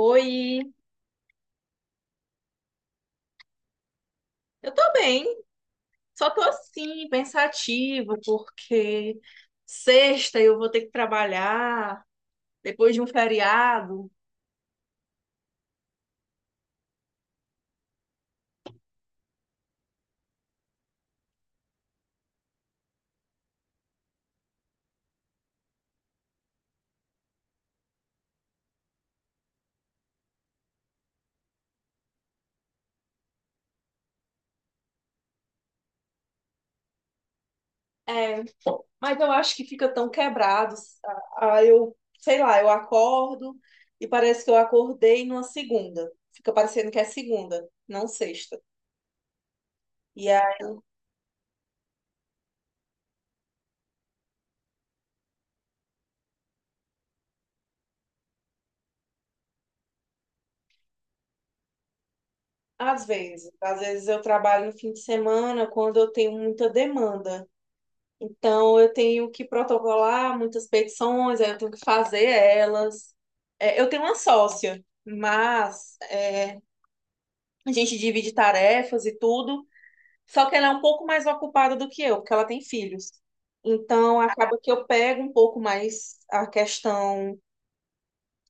Oi, eu tô bem, só tô assim, pensativa, porque sexta eu vou ter que trabalhar depois de um feriado. É, mas eu acho que fica tão quebrado. Ah, eu, sei lá, eu acordo e parece que eu acordei numa segunda. Fica parecendo que é segunda, não sexta. E aí, às vezes eu trabalho no fim de semana quando eu tenho muita demanda. Então, eu tenho que protocolar muitas petições, aí eu tenho que fazer elas. É, eu tenho uma sócia, mas a gente divide tarefas e tudo, só que ela é um pouco mais ocupada do que eu, porque ela tem filhos. Então, acaba que eu pego um pouco mais a questão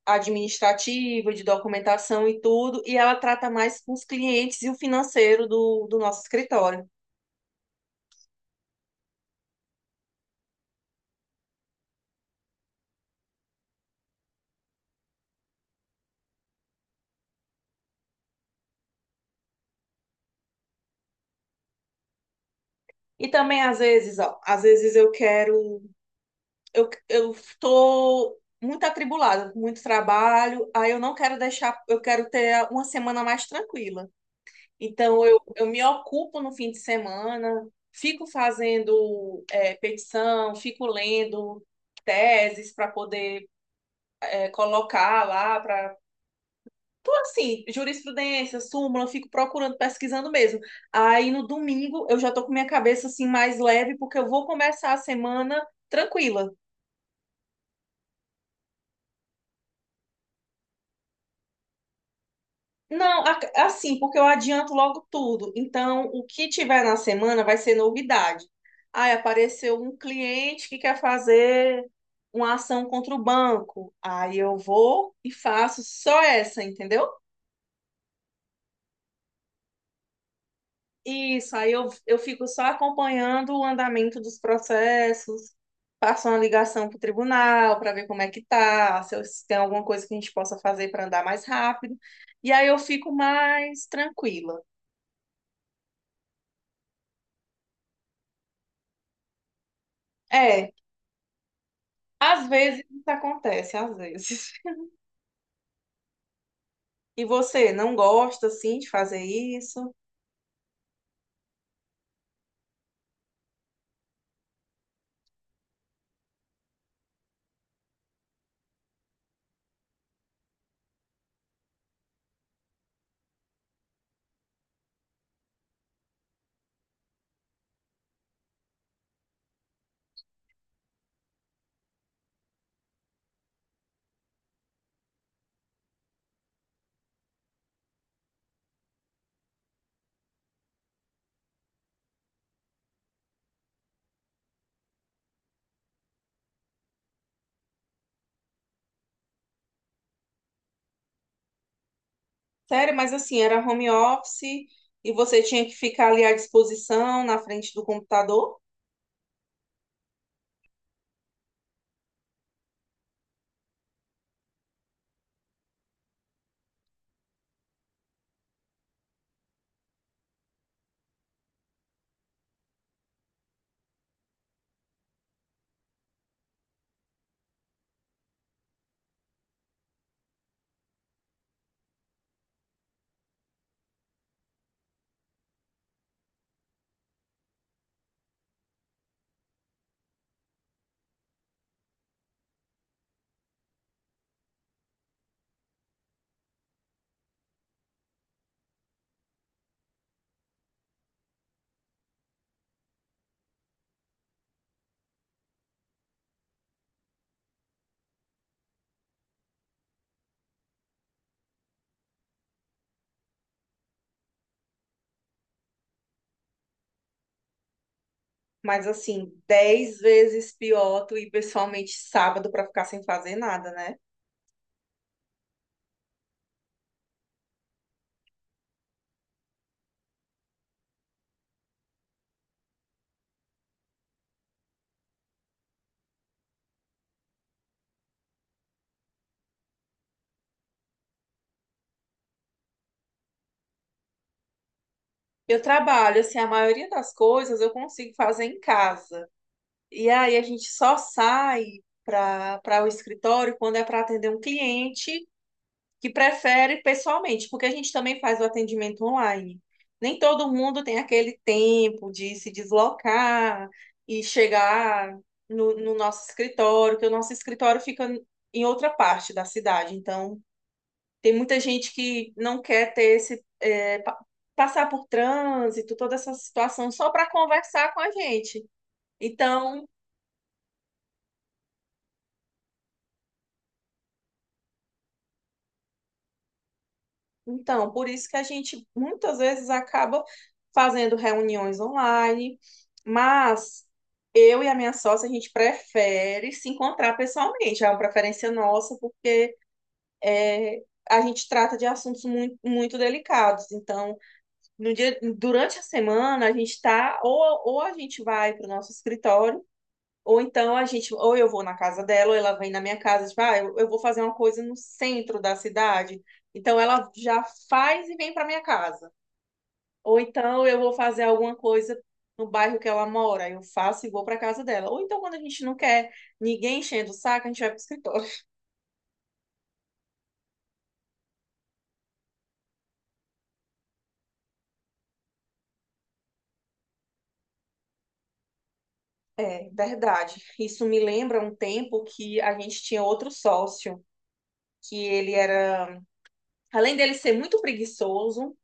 administrativa, de documentação e tudo, e ela trata mais com os clientes e o financeiro do nosso escritório. E também, às vezes, ó, às vezes eu quero. Eu estou muito atribulada, com muito trabalho, aí eu não quero deixar, eu quero ter uma semana mais tranquila. Então eu me ocupo no fim de semana, fico fazendo petição, fico lendo teses para poder colocar lá, para tô assim, jurisprudência, súmula, eu fico procurando, pesquisando mesmo. Aí no domingo eu já tô com minha cabeça assim mais leve, porque eu vou começar a semana tranquila. Não, assim, porque eu adianto logo tudo. Então, o que tiver na semana vai ser novidade. Aí apareceu um cliente que quer fazer uma ação contra o banco. Aí eu vou e faço só essa, entendeu? Isso, aí eu fico só acompanhando o andamento dos processos, faço uma ligação para o tribunal para ver como é que tá, se tem alguma coisa que a gente possa fazer para andar mais rápido. E aí eu fico mais tranquila. É. Às vezes isso acontece, às vezes. E você não gosta assim de fazer isso? Sério, mas assim, era home office e você tinha que ficar ali à disposição na frente do computador, mas assim, dez vezes pior tu ir pessoalmente sábado para ficar sem fazer nada, né? Eu trabalho, assim, a maioria das coisas eu consigo fazer em casa. E aí a gente só sai para o escritório quando é para atender um cliente que prefere pessoalmente, porque a gente também faz o atendimento online. Nem todo mundo tem aquele tempo de se deslocar e chegar no nosso escritório, que o nosso escritório fica em outra parte da cidade. Então, tem muita gente que não quer ter esse, passar por trânsito, toda essa situação, só para conversar com a gente. Então, então, por isso que a gente muitas vezes acaba fazendo reuniões online, mas eu e a minha sócia, a gente prefere se encontrar pessoalmente, é uma preferência nossa, porque é, a gente trata de assuntos muito, muito delicados. Então, no dia, durante a semana, a gente está, ou a gente vai para o nosso escritório, ou então ou eu vou na casa dela, ou ela vem na minha casa, tipo, ah, eu vou fazer uma coisa no centro da cidade. Então ela já faz e vem para minha casa. Ou então eu vou fazer alguma coisa no bairro que ela mora, eu faço e vou para casa dela. Ou então quando a gente não quer ninguém enchendo o saco, a gente vai pro escritório. É, verdade. Isso me lembra um tempo que a gente tinha outro sócio, que ele era, além dele ser muito preguiçoso,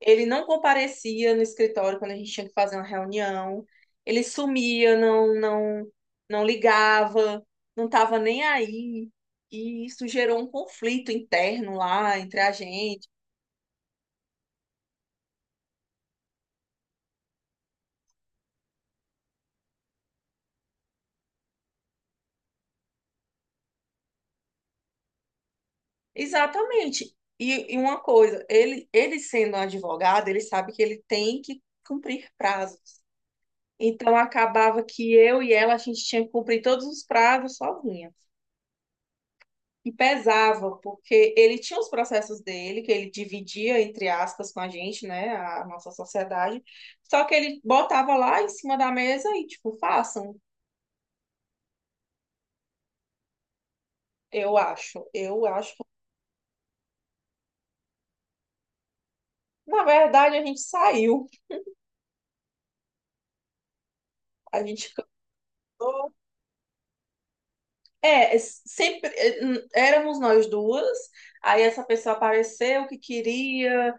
ele não comparecia no escritório quando a gente tinha que fazer uma reunião. Ele sumia, não, não ligava, não estava nem aí. E isso gerou um conflito interno lá entre a gente. Exatamente. E uma coisa, ele sendo um advogado, ele sabe que ele tem que cumprir prazos. Então acabava que eu e ela, a gente tinha que cumprir todos os prazos sozinha. E pesava, porque ele tinha os processos dele, que ele dividia, entre aspas, com a gente, né, a nossa sociedade, só que ele botava lá em cima da mesa e, tipo, façam, eu acho. Na verdade, a gente saiu, a gente cantou. É, sempre, é, éramos nós duas, aí essa pessoa apareceu que queria,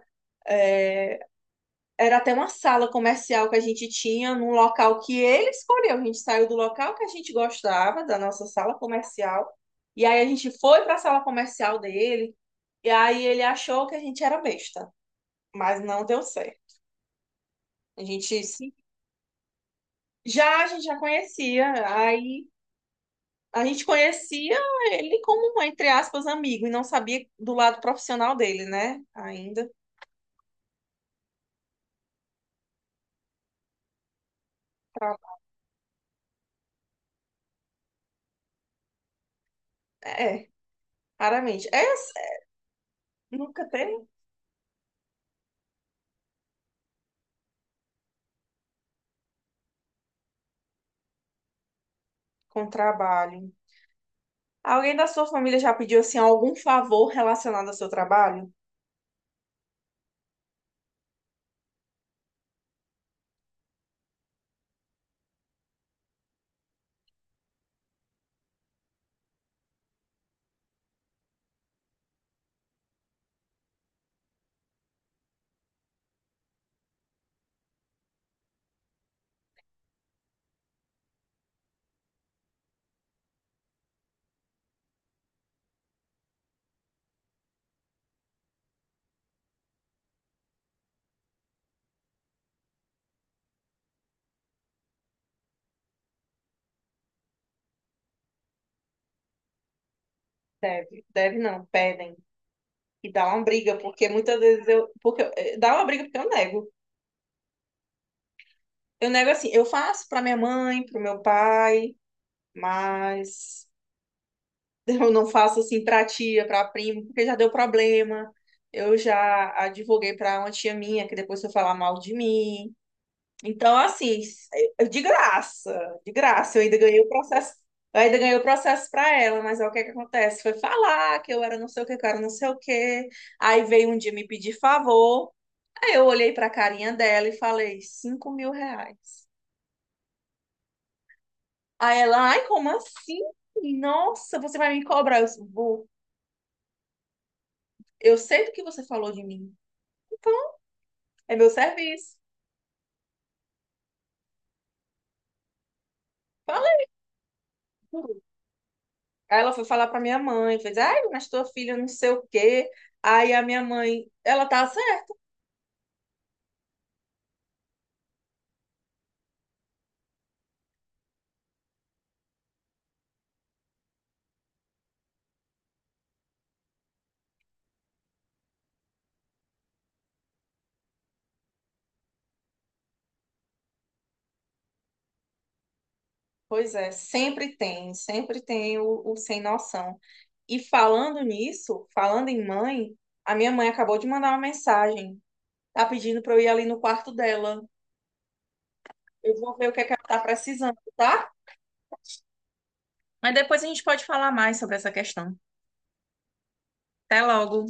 era até uma sala comercial que a gente tinha num local que ele escolheu. A gente saiu do local que a gente gostava, da nossa sala comercial, e aí a gente foi para a sala comercial dele, e aí ele achou que a gente era besta, mas não deu certo. A gente se- já a gente já conhecia, aí a gente conhecia ele como um, entre aspas, amigo, e não sabia do lado profissional dele, né? Ainda. Tá. É, raramente. É, nunca teve com trabalho. Alguém da sua família já pediu assim algum favor relacionado ao seu trabalho? Deve, deve não, pedem. E dá uma briga, porque muitas vezes eu, porque eu- eh, dá uma briga porque eu nego. Eu nego assim, eu faço para minha mãe, para o meu pai, mas eu não faço assim para tia, para primo, porque já deu problema. Eu já advoguei para uma tia minha que depois foi falar mal de mim. Então, assim, de graça, eu ainda ganhei o processo, eu ainda ganhei o processo para ela, mas aí o que que acontece? Foi falar que eu era não sei o que, que eu era não sei o que. Aí veio um dia me pedir favor, aí eu olhei para a carinha dela e falei, R$ 5.000. Aí ela, ai, como assim? Nossa, você vai me cobrar? Vou. Eu sei do que você falou de mim. Então é meu serviço. Falei. Aí ela foi falar pra minha mãe, fez, ai, mas tua filha não sei o quê. Aí a minha mãe, ela tá assim, pois é, sempre tem o sem noção. E falando nisso, falando em mãe, a minha mãe acabou de mandar uma mensagem. Tá pedindo para eu ir ali no quarto dela. Eu vou ver o que é que ela tá precisando, tá? Mas depois a gente pode falar mais sobre essa questão. Até logo.